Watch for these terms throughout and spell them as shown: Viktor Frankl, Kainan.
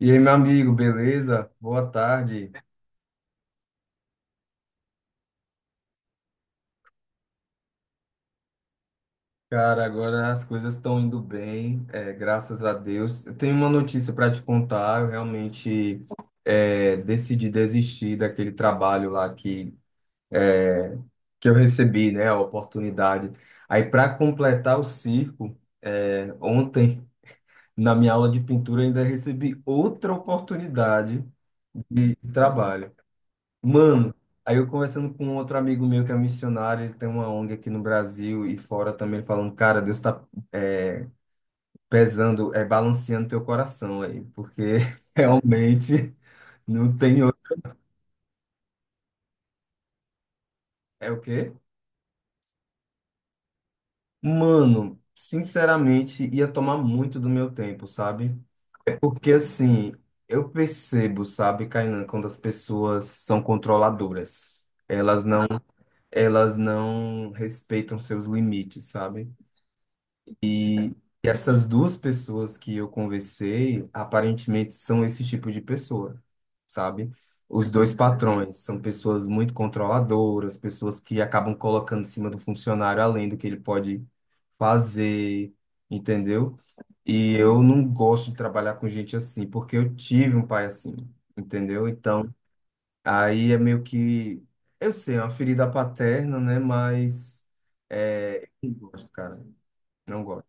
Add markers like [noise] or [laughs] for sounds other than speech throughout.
E aí, meu amigo, beleza? Boa tarde. Cara, agora as coisas estão indo bem, graças a Deus. Eu tenho uma notícia para te contar. Eu realmente decidi desistir daquele trabalho lá que eu recebi, né? A oportunidade. Aí, para completar o circo, ontem, na minha aula de pintura, eu ainda recebi outra oportunidade de trabalho. Mano, aí eu conversando com um outro amigo meu que é missionário, ele tem uma ONG aqui no Brasil e fora também, ele falando, cara, Deus tá é, pesando, é balanceando teu coração aí, porque [laughs] realmente não tem outro. É o quê? Mano, sinceramente, ia tomar muito do meu tempo, sabe? É porque assim, eu percebo, sabe, Kainan, quando as pessoas são controladoras. Elas não respeitam seus limites, sabe? E essas duas pessoas que eu conversei, aparentemente são esse tipo de pessoa, sabe? Os dois patrões são pessoas muito controladoras, pessoas que acabam colocando em cima do funcionário além do que ele pode fazer, entendeu? E eu não gosto de trabalhar com gente assim, porque eu tive um pai assim, entendeu? Então, aí é meio que, eu sei, é uma ferida paterna, né? Mas é, eu não gosto, cara, não gosto.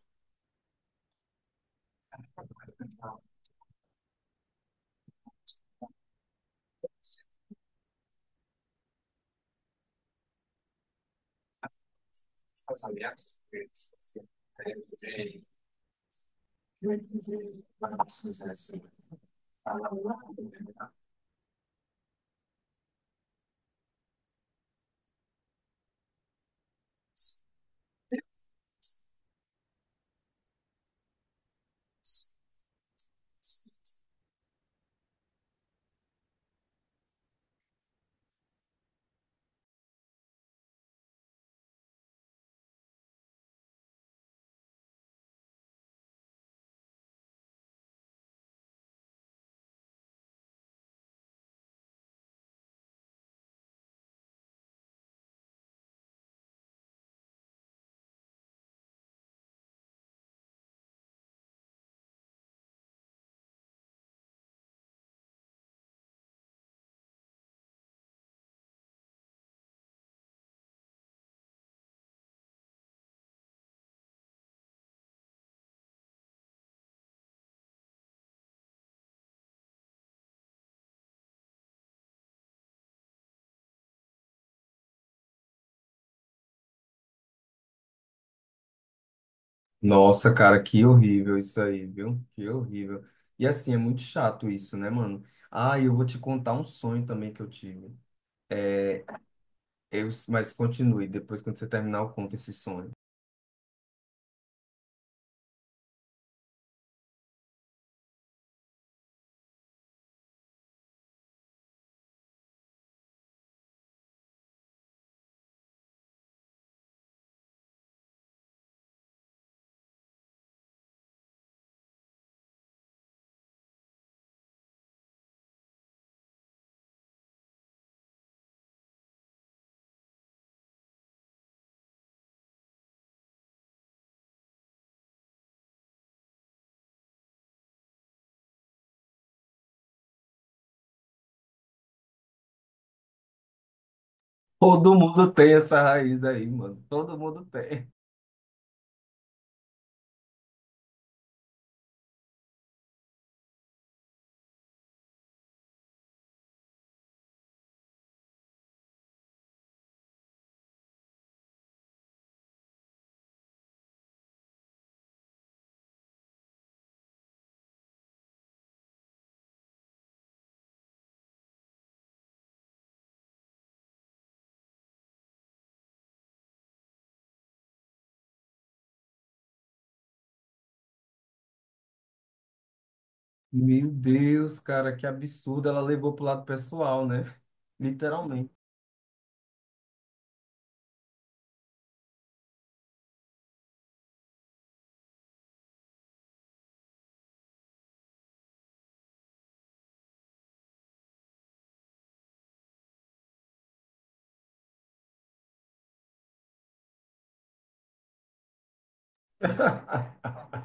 Casamento, assim, é, é, nossa, cara, que horrível isso aí, viu? Que horrível. E assim, é muito chato isso, né, mano? Ah, eu vou te contar um sonho também que eu tive. É, eu, mas continue, depois quando você terminar, eu conto esse sonho. Todo mundo tem essa raiz aí, mano. Todo mundo tem. Meu Deus, cara, que absurdo. Ela levou pro lado pessoal, né? Literalmente. [laughs]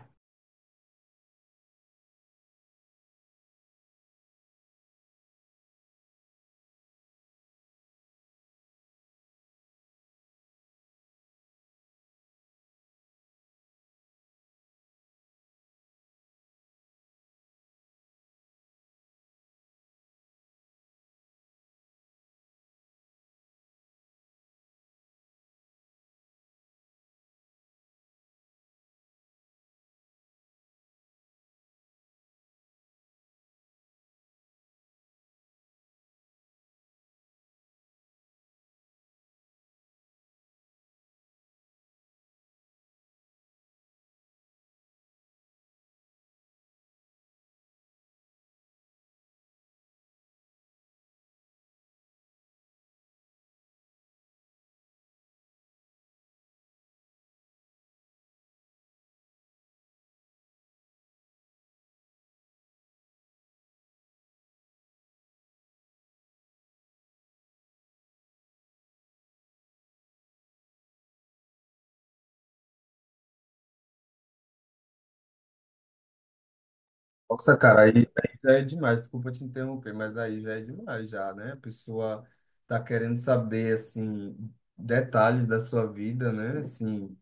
Nossa, cara, aí já é demais. Desculpa te interromper, mas aí já é demais, já, né? A pessoa tá querendo saber, assim, detalhes da sua vida, né? Assim,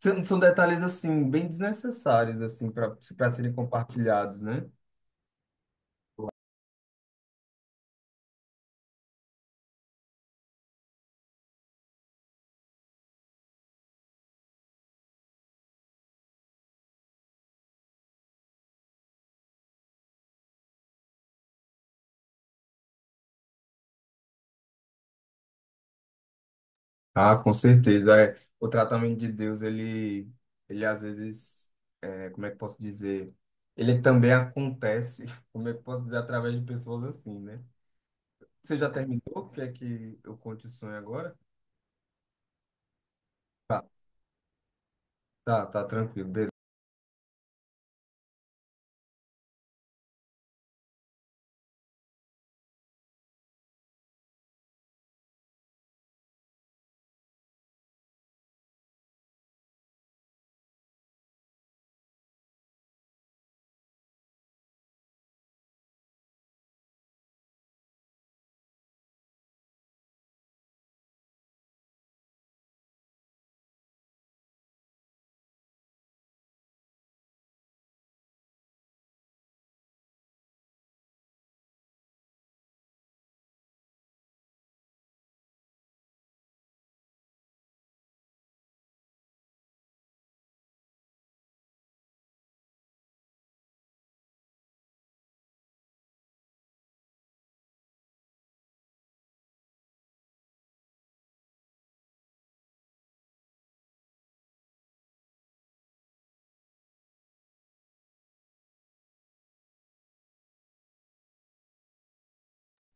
são detalhes, assim, bem desnecessários, assim, para serem compartilhados, né? Ah, com certeza. O tratamento de Deus, ele às vezes, como é que posso dizer? Ele também acontece, [laughs] como é que posso dizer, através de pessoas assim, né? Você já terminou? Quer que eu conte o sonho agora? Tá, tá tranquilo, beleza.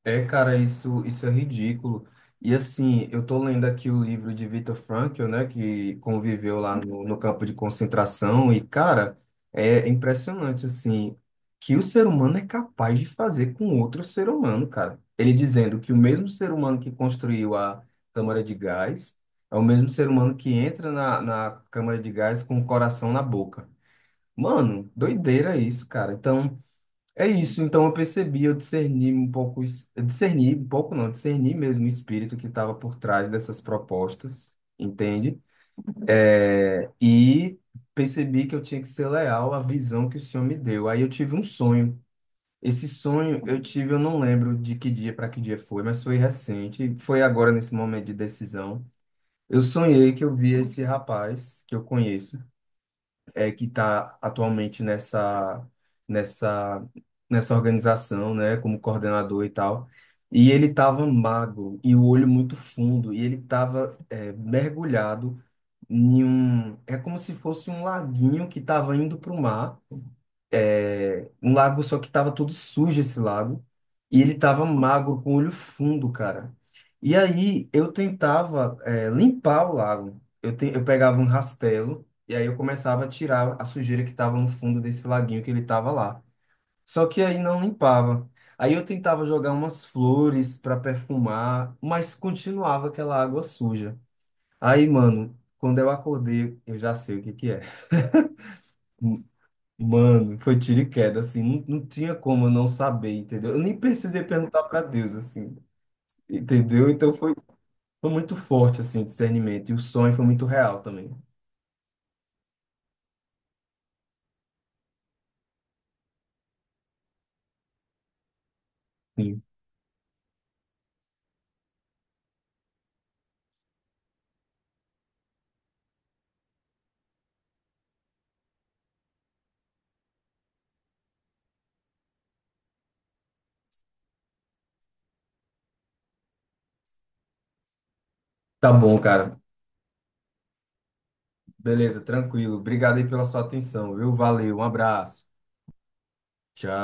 É, cara, isso é ridículo. E assim, eu tô lendo aqui o livro de Viktor Frankl, né, que conviveu lá no campo de concentração, e, cara, é impressionante, assim, que o ser humano é capaz de fazer com outro ser humano, cara. Ele dizendo que o mesmo ser humano que construiu a câmara de gás é o mesmo ser humano que entra na câmara de gás com o coração na boca. Mano, doideira isso, cara. Então. É isso, então eu percebi, eu discerni um pouco, eu discerni um pouco não, discerni mesmo o espírito que estava por trás dessas propostas, entende? E percebi que eu tinha que ser leal à visão que o Senhor me deu. Aí eu tive um sonho. Esse sonho eu tive, eu não lembro de que dia para que dia foi, mas foi recente, foi agora nesse momento de decisão. Eu sonhei que eu via esse rapaz que eu conheço que está atualmente nessa, nessa organização, né, como coordenador e tal. E ele estava magro e o olho muito fundo, e ele estava mergulhado em um. É como se fosse um laguinho que estava indo para o mar um lago, só que tava todo sujo esse lago. E ele tava magro, com o olho fundo, cara. E aí eu tentava, é, limpar o lago. Eu pegava um rastelo e aí eu começava a tirar a sujeira que tava no fundo desse laguinho que ele tava lá. Só que aí não limpava. Aí eu tentava jogar umas flores para perfumar, mas continuava aquela água suja. Aí, mano, quando eu acordei, eu já sei o que que é. Mano, foi tiro e queda, assim, não tinha como eu não saber, entendeu? Eu nem precisei perguntar para Deus, assim, entendeu? Então foi muito forte, assim, o discernimento, e o sonho foi muito real também. Sim. Tá bom, cara. Beleza, tranquilo. Obrigado aí pela sua atenção, viu? Valeu, um abraço. Tchau.